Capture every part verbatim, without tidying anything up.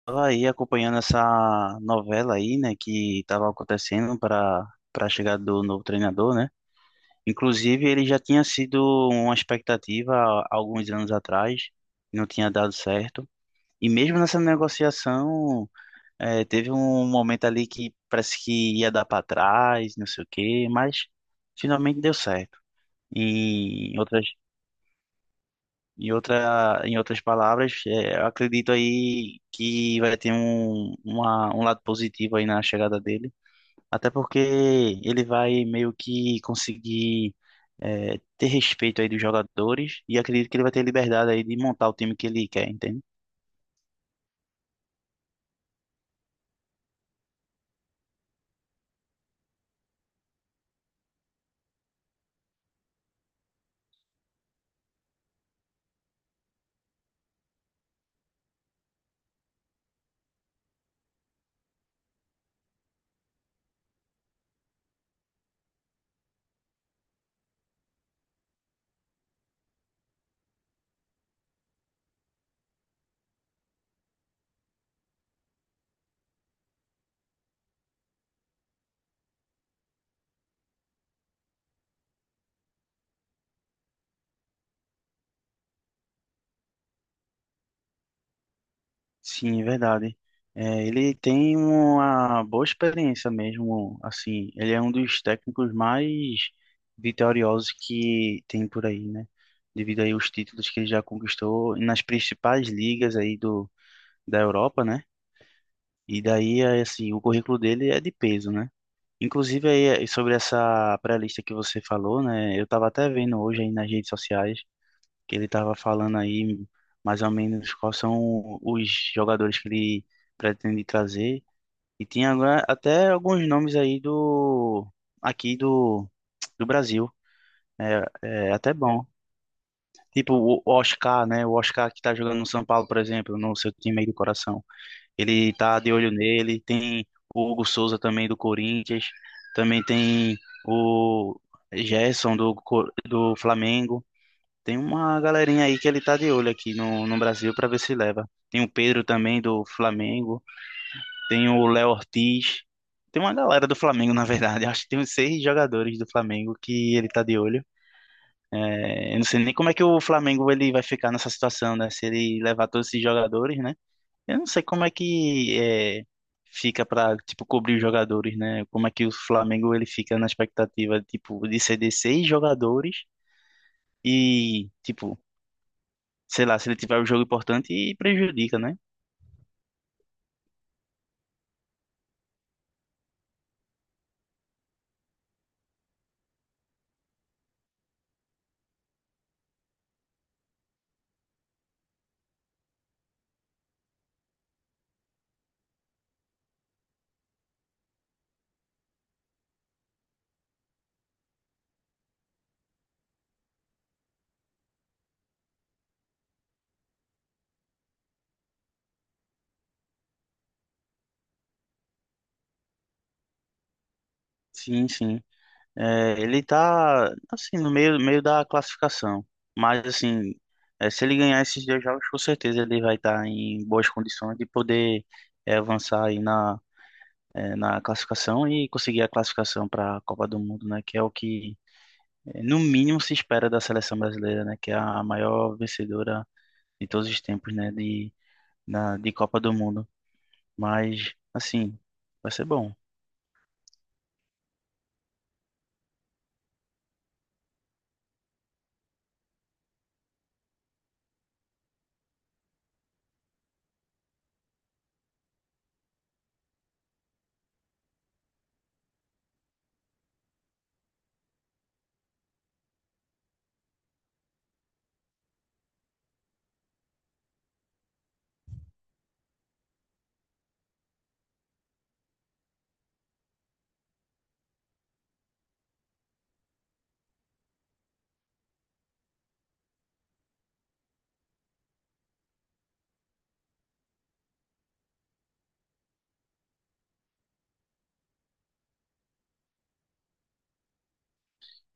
Estava aí acompanhando essa novela aí, né, que estava acontecendo para para a chegada do novo treinador, né? Inclusive, ele já tinha sido uma expectativa há alguns anos atrás, não tinha dado certo. E mesmo nessa negociação, eh, teve um momento ali que parece que ia dar para trás, não sei o quê, mas finalmente deu certo. E outras em outra, em outras palavras, é, eu acredito aí que vai ter um, uma- um lado positivo aí na chegada dele, até porque ele vai meio que conseguir, é, ter respeito aí dos jogadores e acredito que ele vai ter liberdade aí de montar o time que ele quer, entende? Sim, é verdade. É, ele tem uma boa experiência mesmo, assim, ele é um dos técnicos mais vitoriosos que tem por aí, né? Devido aí aos títulos que ele já conquistou nas principais ligas aí do, da Europa, né? E daí, é, assim, o currículo dele é de peso, né? Inclusive aí, é, sobre essa pré-lista que você falou, né? Eu tava até vendo hoje aí nas redes sociais que ele estava falando aí mais ou menos quais são os jogadores que ele pretende trazer. E tinha agora até alguns nomes aí do aqui do, do Brasil. É, é até bom. Tipo o o Oscar, né? O Oscar que tá jogando no São Paulo, por exemplo, no seu time aí do coração. Ele tá de olho nele. Tem o Hugo Souza também do Corinthians. Também tem o Gerson do, Co- do Flamengo. Tem uma galerinha aí que ele tá de olho aqui no, no Brasil pra ver se leva. Tem o Pedro também do Flamengo, tem o Léo Ortiz, tem uma galera do Flamengo, na verdade. Acho que tem uns seis jogadores do Flamengo que ele tá de olho. É, eu não sei nem como é que o Flamengo ele vai ficar nessa situação, né? Se ele levar todos esses jogadores, né? Eu não sei como é que é, fica pra, tipo, cobrir os jogadores, né? Como é que o Flamengo ele fica na expectativa, tipo, de ceder seis jogadores e, tipo, sei lá, se ele tiver um jogo importante e prejudica, né? Sim, sim. É, ele tá, assim, no meio, meio da classificação. Mas, assim, é, se ele ganhar esses dois jogos, com certeza ele vai estar em boas condições de poder, é, avançar aí na, é, na classificação e conseguir a classificação para a Copa do Mundo, né? Que é o que, é, no mínimo, se espera da seleção brasileira, né? Que é a maior vencedora de todos os tempos, né? De, na, de Copa do Mundo. Mas, assim, vai ser bom.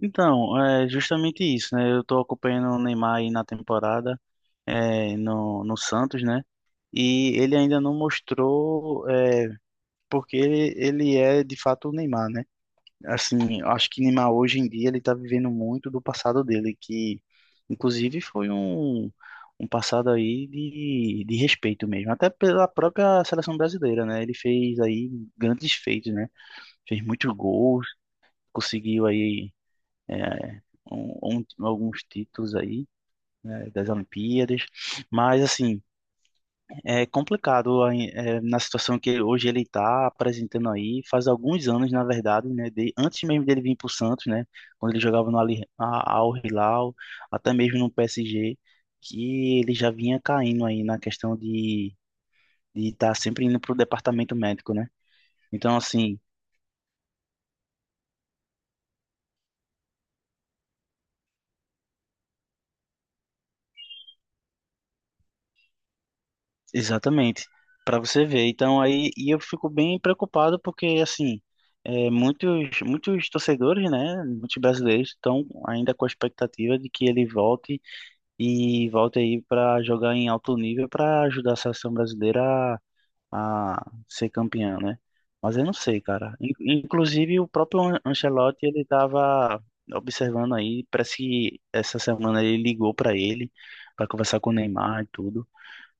Então, é justamente isso, né? Eu tô acompanhando o Neymar aí na temporada, é, no, no Santos, né? E ele ainda não mostrou, é, porque ele, ele é de fato o Neymar, né? Assim, eu acho que Neymar hoje em dia ele tá vivendo muito do passado dele, que inclusive foi um, um passado aí de, de respeito mesmo, até pela própria seleção brasileira, né? Ele fez aí grandes feitos, né? Fez muitos gols, conseguiu aí, é, um- um- alguns títulos aí, né, das Olimpíadas, mas assim, é complicado aí, é, na situação que hoje ele está apresentando aí, faz alguns anos, na verdade, né, de- antes mesmo dele vir para o Santos, né, quando ele jogava no Ali- a- Al Hilal, até mesmo no P S G, que ele já vinha caindo aí na questão de estar de tá sempre indo para o departamento médico, né? Então, assim, exatamente, para você ver. Então aí e eu fico bem preocupado porque assim, é, muitos muitos torcedores, né, muitos brasileiros estão ainda com a expectativa de que ele volte e volte aí para jogar em alto nível para ajudar a seleção brasileira a, a ser campeã, né? Mas eu não sei, cara. In- Inclusive o próprio An- Ancelotti ele estava observando aí, parece que essa semana ele ligou para ele para conversar com o Neymar e tudo.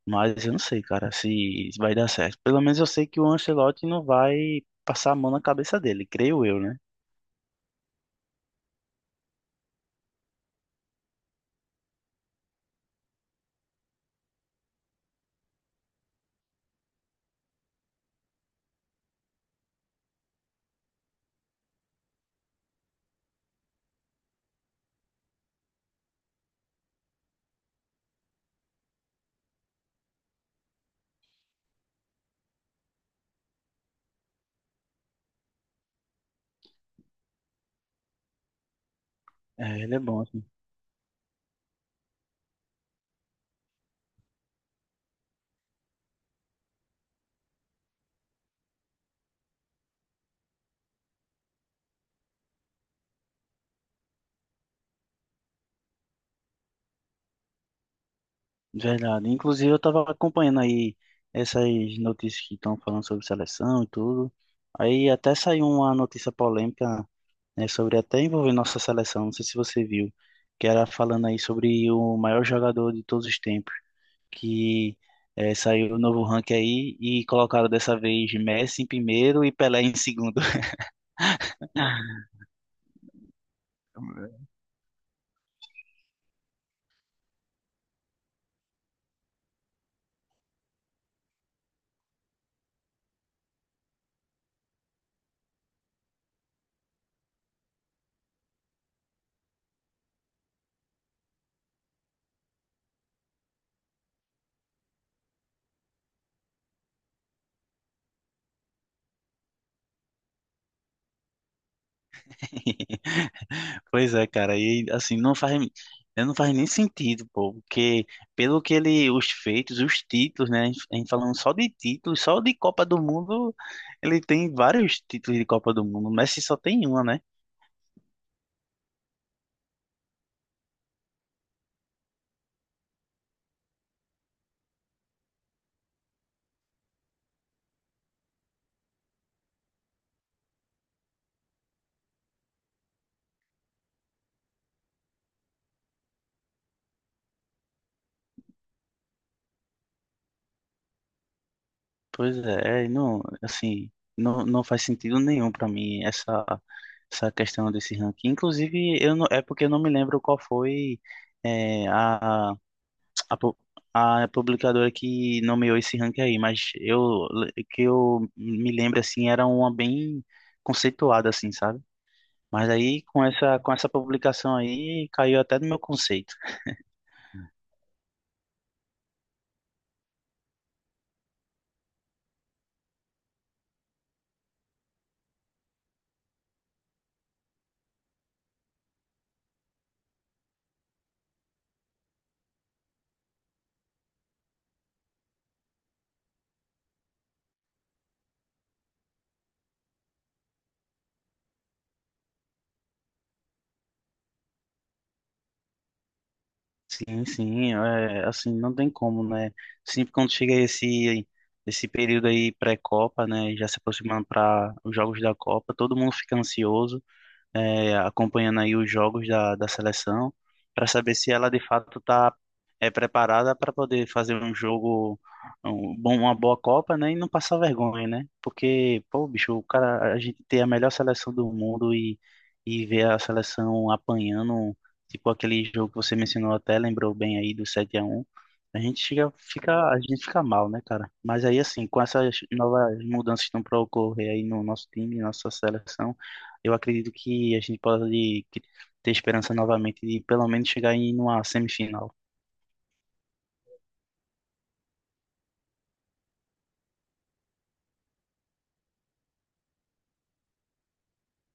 Mas eu não sei, cara, se isso vai dar certo. Pelo menos eu sei que o Ancelotti não vai passar a mão na cabeça dele, creio eu, né? É, ele é bom, assim. Verdade. Inclusive, eu tava acompanhando aí essas notícias que estão falando sobre seleção e tudo. Aí até saiu uma notícia polêmica, né, sobre até envolver nossa seleção, não sei se você viu, que era falando aí sobre o maior jogador de todos os tempos, que eh, saiu o novo ranking aí e colocaram dessa vez Messi em primeiro e Pelé em segundo. Pois é, cara, e assim, não faz, eh, não faz nem sentido, pô, porque pelo que ele, os feitos, os títulos, né, a gente a gente falando só de títulos, só de Copa do Mundo, ele tem vários títulos de Copa do Mundo, o Messi só tem uma, né? Pois é, não, assim, não, não faz sentido nenhum pra mim essa, essa questão desse ranking. Inclusive, eu não, é porque eu não me lembro qual foi, eh, a a, pu- a publicadora que nomeou esse ranking aí, mas eu que eu me lembro assim era uma bem conceituada assim, sabe? Mas aí com essa com essa publicação aí caiu até do meu conceito. Sim, sim, é, assim não tem como, né? Sempre quando chega esse esse período aí pré-Copa, né, já se aproximando para os jogos da Copa, todo mundo fica ansioso. É, acompanhando aí os jogos da, da seleção, para saber se ela de fato está, é, preparada para poder fazer um jogo, um, bom, uma boa Copa, né? E não passar vergonha, né? Porque, pô, bicho, o cara, a gente tem a melhor seleção do mundo e, e ver a seleção apanhando, tipo aquele jogo que você mencionou até, lembrou bem aí do sete a um. A gente chega, fica, a gente fica mal, né, cara? Mas aí, assim, com essas novas mudanças que estão para ocorrer aí no nosso time, nossa seleção, eu acredito que a gente pode ter esperança novamente de pelo menos chegar em uma semifinal.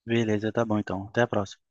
Beleza, tá bom então. Até a próxima.